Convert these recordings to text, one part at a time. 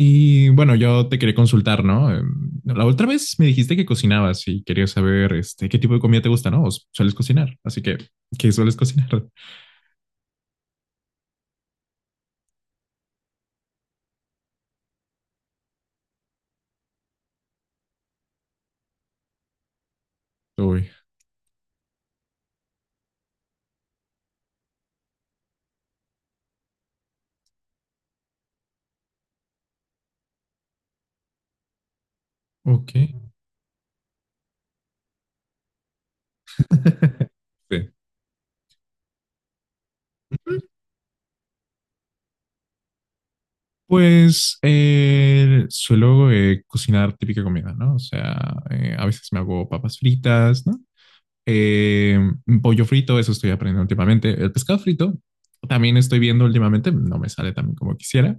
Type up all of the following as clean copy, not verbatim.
Y bueno, yo te quería consultar, ¿no? La otra vez me dijiste que cocinabas y quería saber este, qué tipo de comida te gusta, ¿no? ¿Sueles cocinar? Así que, ¿qué sueles cocinar? Uy, ok. Sí. Pues suelo cocinar típica comida, ¿no? O sea, a veces me hago papas fritas, ¿no? Eh, un pollo frito, eso estoy aprendiendo últimamente. El pescado frito también estoy viendo últimamente, no me sale tan como quisiera,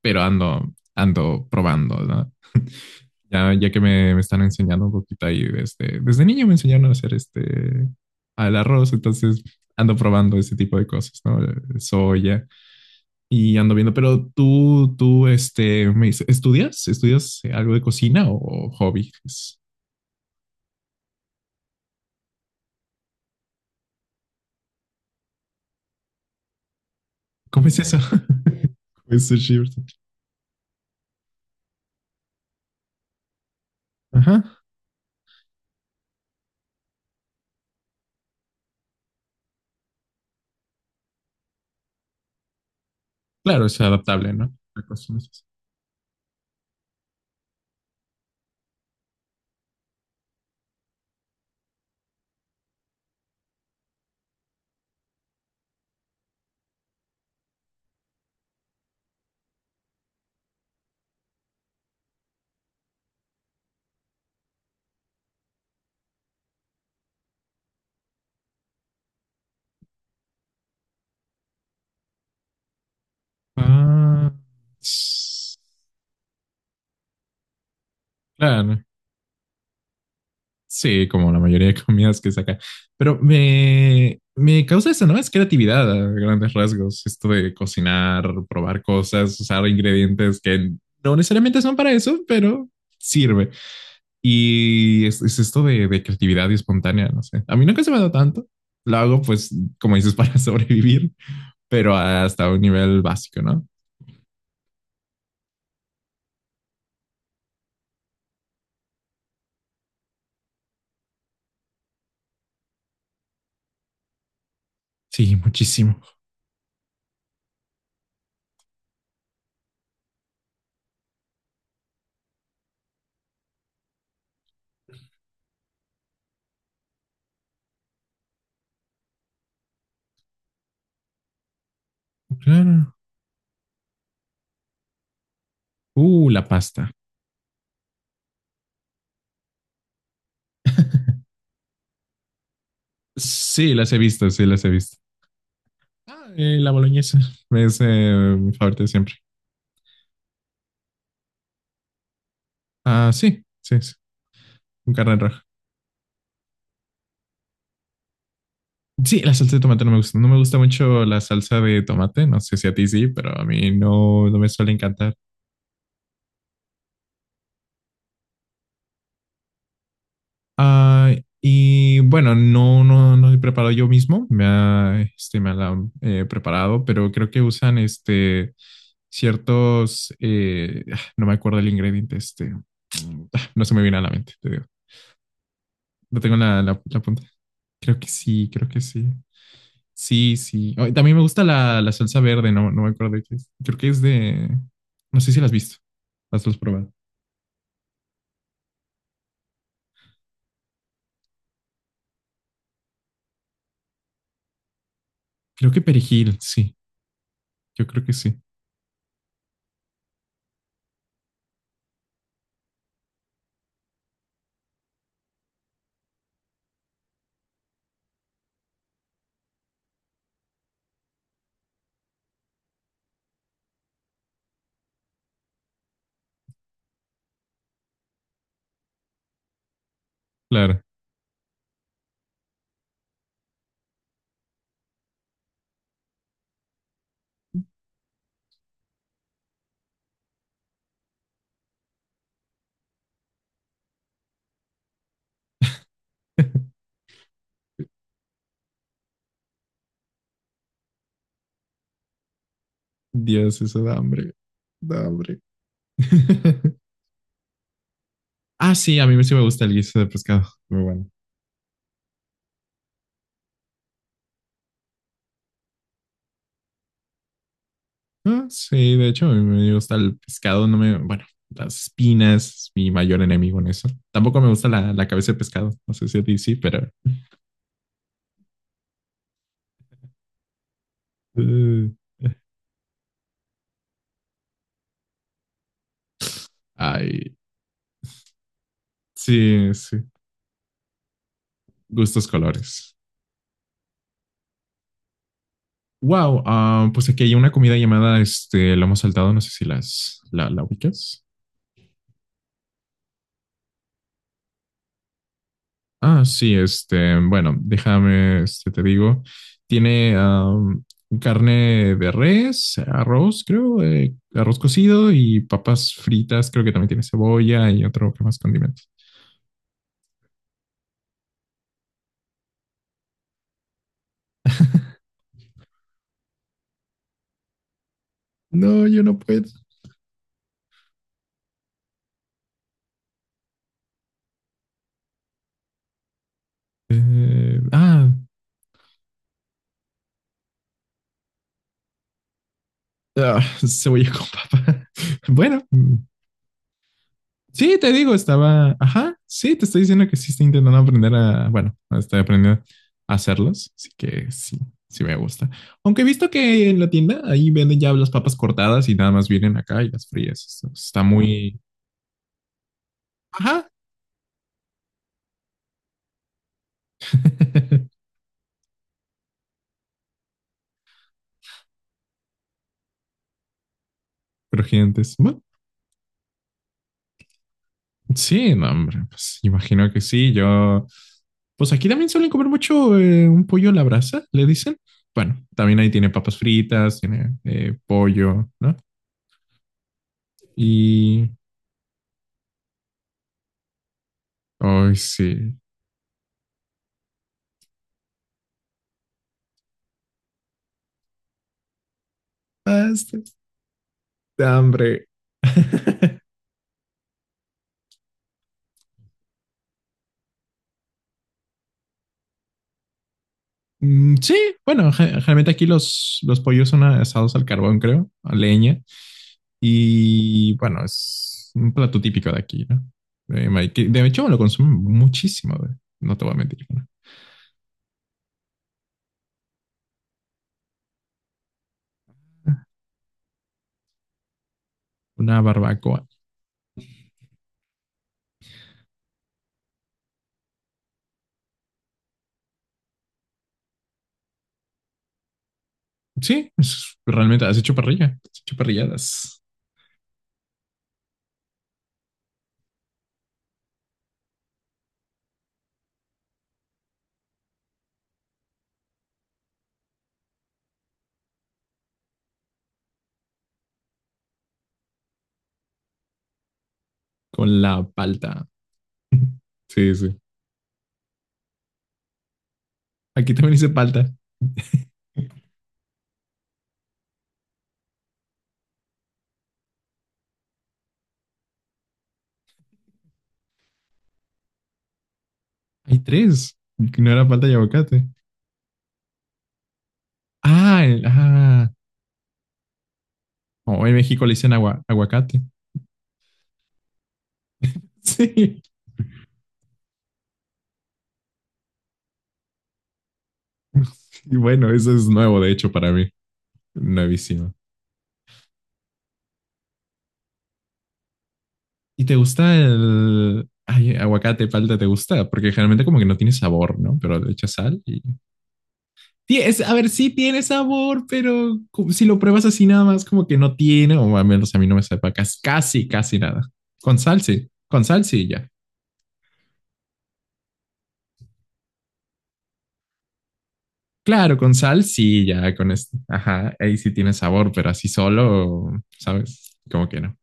pero ando probando, ¿no? Ya que me están enseñando un poquito ahí desde niño me enseñaron a hacer este, al arroz, entonces ando probando ese tipo de cosas, ¿no? Soya y ando viendo, pero este, me dice, ¿estudias? ¿Estudias algo de cocina o hobby? ¿Cómo es eso? Es sushi, ¿verdad? Ajá. Claro, es adaptable, ¿no? La cocina es eso. Ah, s- claro. Sí, como la mayoría de comidas que saca. Pero me causa eso, ¿no? Es creatividad a grandes rasgos. Esto de cocinar, probar cosas, usar ingredientes que no necesariamente son para eso, pero sirve. Es esto de creatividad y espontánea, no sé. A mí nunca se me da tanto. Lo hago, pues, como dices, para sobrevivir, pero hasta un nivel básico, ¿no? Sí, muchísimo. Claro. La pasta. Sí, sí, las he visto. La boloñesa es mi favorita de siempre. Ah, sí, con carne roja. Sí, la salsa de tomate no me gusta. No me gusta mucho la salsa de tomate. No sé si a ti sí, pero a mí no, no me suele encantar. Ah, y bueno, no he preparado yo mismo. Este, me la han preparado, pero creo que usan este ciertos, no me acuerdo el ingrediente, este, no se me viene a la mente, te digo. No tengo la punta. Creo que sí. Sí, sí. Oh, y también me gusta la salsa verde, no, no me acuerdo de qué es. Creo que es de... No sé si la has visto. Las has probado. Creo que perejil, sí. Yo creo que sí. Claro. Dios, eso da hambre. Da hambre. Ah, sí, a mí sí me gusta el guiso de pescado. Muy bueno. Ah, sí, de hecho, a mí me gusta el pescado. No me... Bueno, las espinas, mi mayor enemigo en eso. Tampoco me gusta la cabeza de pescado. No sé si a ti sí, pero... uh. Ay, sí, sí. Gustos colores. Wow, ah, pues aquí hay una comida llamada este lomo saltado, no sé si la ubicas. Ah, sí, este, bueno, déjame, este, te digo, tiene am, carne de res, arroz, creo, arroz cocido y papas fritas, creo que también tiene cebolla y otro que más condimentos. No, yo no puedo. Eh, ah, ah, Cebolla con papa. Bueno, sí, te digo, estaba, ajá, sí, te estoy diciendo que sí estoy intentando aprender a, bueno, estoy aprendiendo a hacerlos, así que sí, sí me gusta. Aunque he visto que en la tienda ahí venden ya las papas cortadas y nada más vienen acá y las frías. Esto Está muy, ajá, crujientes. Bueno, sí, no, hombre, pues imagino que sí. Yo, pues aquí también suelen comer mucho un pollo a la brasa, le dicen. Bueno, también ahí tiene papas fritas, tiene pollo, ¿no? Y, ay, sí. Pasto. Hambre. Mm, sí, bueno, generalmente aquí los pollos son asados al carbón, creo, a leña. Y bueno, es un plato típico de aquí, ¿no? Ma- que De hecho, lo consumen muchísimo, güey. No te voy a mentir. ¿No? Una barbacoa. Realmente has hecho parrilla. Has hecho parrilladas con la palta. Sí, sí. Aquí también hice palta. Hay tres. No era palta y aguacate. Ah, el- ah, O en México le dicen aguacate. Sí. Y bueno, eso es nuevo, de hecho, para mí. Nuevísimo. ¿Y te gusta el ay, aguacate, palta? ¿Te gusta? Porque generalmente como que no tiene sabor, ¿no? Pero le echas sal y... A ver, sí tiene sabor, pero como- si lo pruebas así nada más, como que no tiene, o al menos a mí no me sepa casi nada. Con sal, sí. Con sal, sí, ya. Claro, con sal, sí, ya, con esto. Ajá, ahí sí tiene sabor, pero así solo, ¿sabes? Como que no.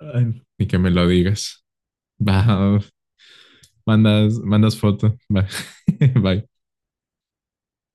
Ay, ni que me lo digas. Va, mandas foto. Va. Bye.